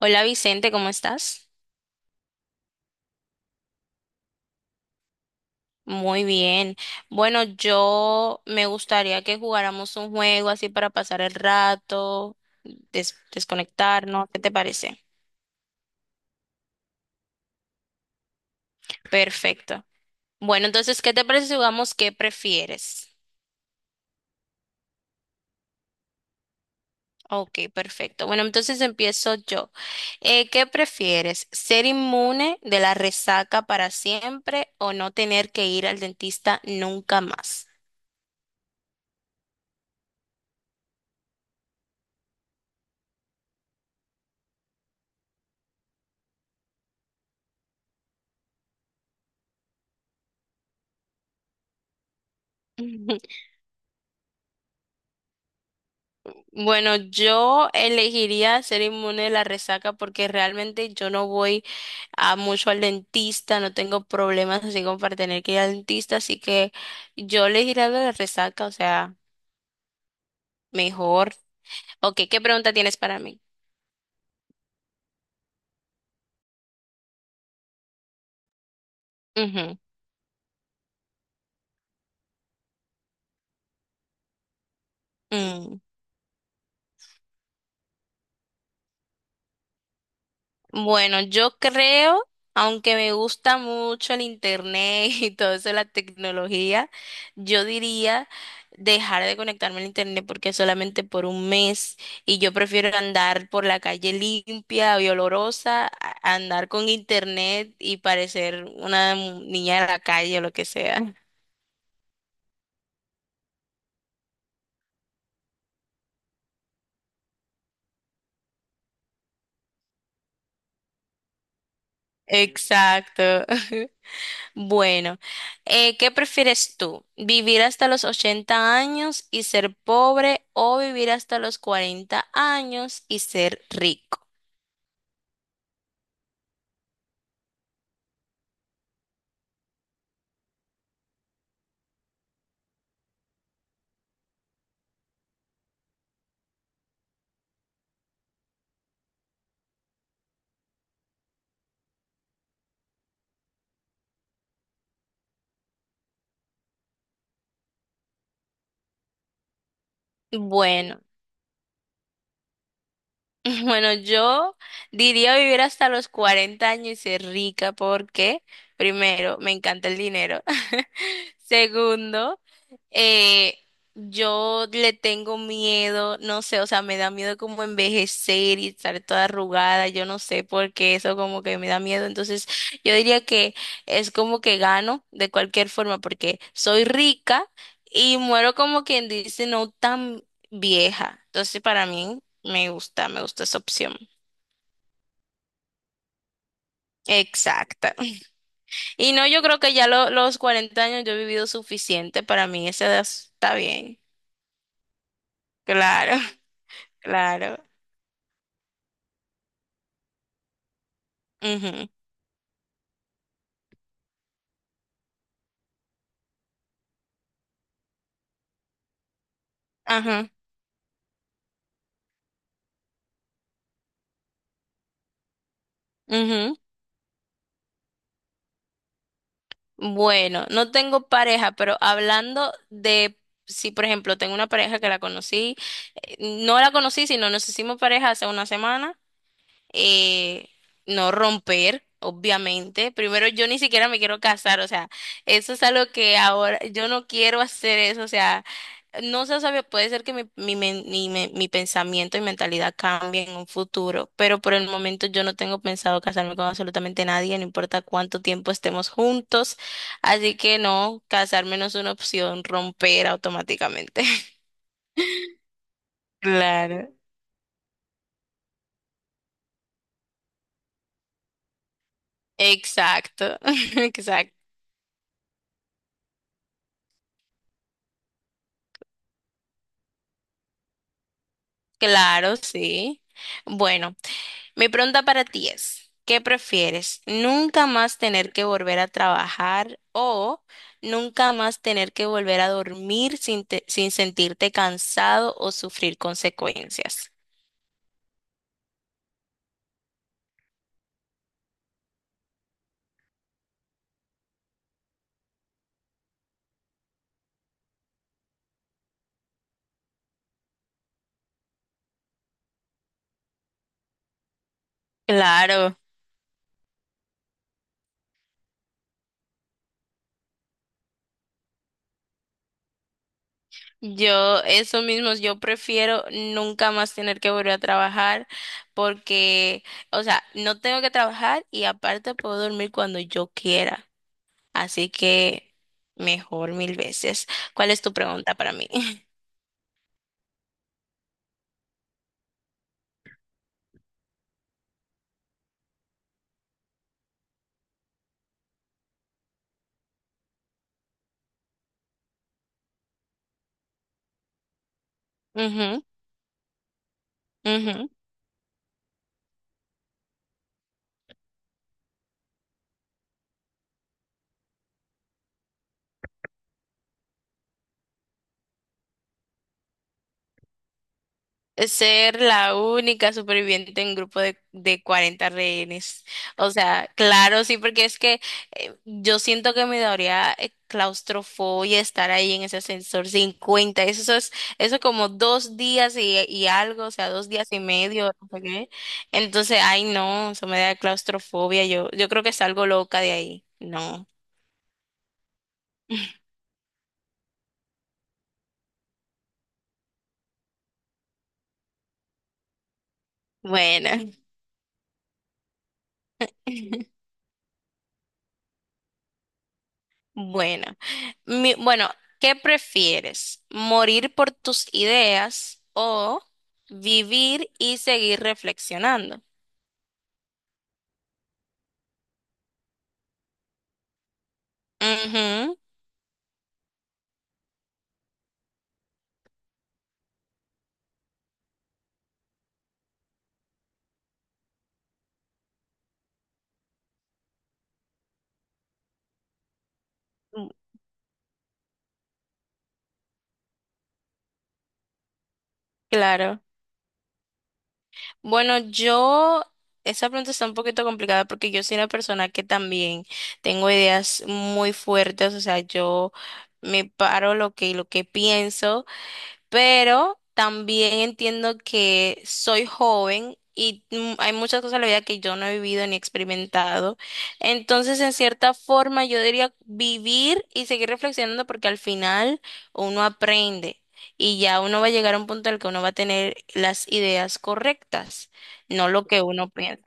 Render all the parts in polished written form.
Hola Vicente, ¿cómo estás? Muy bien. Bueno, yo me gustaría que jugáramos un juego así para pasar el rato, desconectarnos, ¿qué te parece? Perfecto. Bueno, entonces, ¿qué te parece si jugamos qué prefieres? Ok, perfecto. Bueno, entonces empiezo yo. ¿Qué prefieres? ¿Ser inmune de la resaca para siempre o no tener que ir al dentista nunca más? Bueno, yo elegiría ser inmune de la resaca porque realmente yo no voy a mucho al dentista, no tengo problemas así como para tener que ir al dentista, así que yo elegiría la de la resaca, o sea, mejor. Ok, ¿qué pregunta tienes para mí? Ujú. mm. Bueno, yo creo, aunque me gusta mucho el internet y todo eso, la tecnología, yo diría dejar de conectarme al internet porque solamente por un mes y yo prefiero andar por la calle limpia y olorosa a andar con internet y parecer una niña de la calle o lo que sea. Exacto. Bueno, ¿qué prefieres tú? ¿Vivir hasta los 80 años y ser pobre o vivir hasta los 40 años y ser rico? Bueno, bueno, yo diría vivir hasta los 40 años y ser rica porque, primero, me encanta el dinero. Segundo, Eh, yo le tengo miedo, no sé, o sea, me da miedo como envejecer y estar toda arrugada, yo no sé por qué eso como que me da miedo. Entonces, yo diría que es como que gano de cualquier forma porque soy rica y muero como quien dice no tan vieja. Entonces, para mí me gusta esa opción. Exacta. Y no, yo creo que ya los 40 años yo he vivido suficiente, para mí esa edad está bien. Claro, claro. Ujú. Ajá, ujú. Bueno, no tengo pareja, pero hablando de si, por ejemplo, tengo una pareja que la conocí, eh, no la conocí, sino nos hicimos pareja hace una semana, eh, no romper, obviamente. Primero, yo ni siquiera me quiero casar, o sea, eso es algo que ahora yo no quiero hacer eso, o sea, no se sabe, puede ser que mi pensamiento y mentalidad cambie en un futuro, pero por el momento yo no tengo pensado casarme con absolutamente nadie, no importa cuánto tiempo estemos juntos, así que no, casarme no es una opción, romper automáticamente. Claro. Exacto, exacto. Claro, sí. Bueno, mi pregunta para ti es, ¿qué prefieres? ¿Nunca más tener que volver a trabajar o nunca más tener que volver a dormir sin, sin sentirte cansado o sufrir consecuencias? Claro. Yo, eso mismo, yo prefiero nunca más tener que volver a trabajar porque, o sea, no tengo que trabajar y aparte puedo dormir cuando yo quiera. Así que mejor mil veces. ¿Cuál es tu pregunta para mí? Ujú, ujú. Ser la única superviviente en un grupo de 40 rehenes. O sea, claro, sí, porque es que yo siento que me daría claustrofobia estar ahí en ese ascensor cincuenta. Eso es eso como dos días y algo, o sea, dos días y medio, no sé qué. Entonces, ay, no, eso me da claustrofobia. Yo creo que salgo loca de ahí. No. Bueno. Bueno, bueno, ¿qué prefieres? ¿Morir por tus ideas o vivir y seguir reflexionando? Ujú. mm, claro. Bueno, yo, esa pregunta está un poquito complicada porque yo soy una persona que también tengo ideas muy fuertes, o sea, yo me paro lo que pienso, pero también entiendo que soy joven y hay muchas cosas en la vida que yo no he vivido ni experimentado. Entonces, en cierta forma, yo diría vivir y seguir reflexionando porque al final uno aprende y ya uno va a llegar a un punto en el que uno va a tener las ideas correctas, no lo que uno piensa.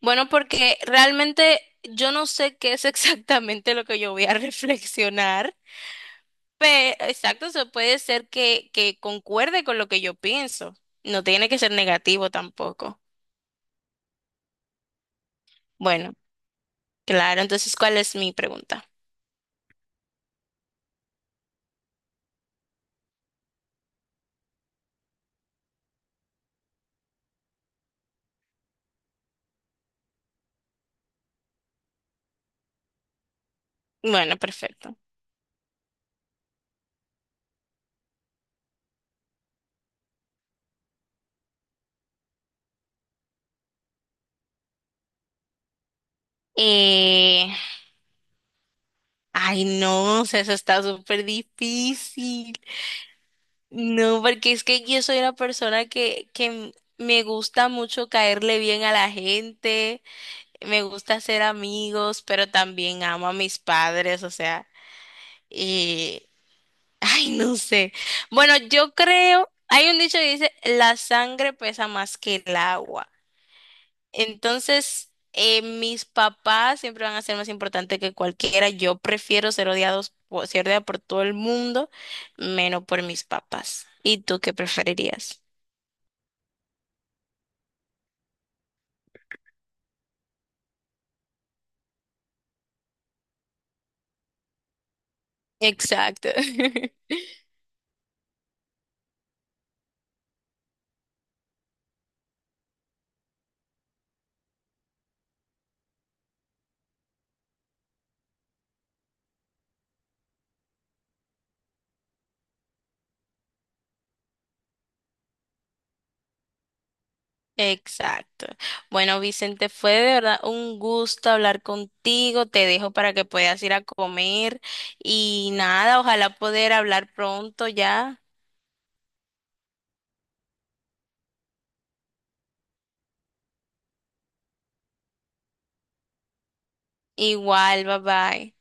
Bueno, porque realmente yo no sé qué es exactamente lo que yo voy a reflexionar. Exacto, eso puede ser que concuerde con lo que yo pienso. No tiene que ser negativo tampoco. Bueno, claro, entonces, ¿cuál es mi pregunta? Bueno, perfecto. Eh, ay, no, o sea, eso está súper difícil. No, porque es que yo soy una persona que, me gusta mucho caerle bien a la gente, me gusta hacer amigos, pero también amo a mis padres, o sea, y, ay, no sé. Bueno, yo creo, hay un dicho que dice, la sangre pesa más que el agua. Entonces, mis papás siempre van a ser más importantes que cualquiera. Yo prefiero ser odiados, ser odiada por todo el mundo, menos por mis papás. ¿Y tú qué preferirías? Exacto. Exacto. Bueno, Vicente, fue de verdad un gusto hablar contigo. Te dejo para que puedas ir a comer y nada, ojalá poder hablar pronto ya. Igual, bye bye.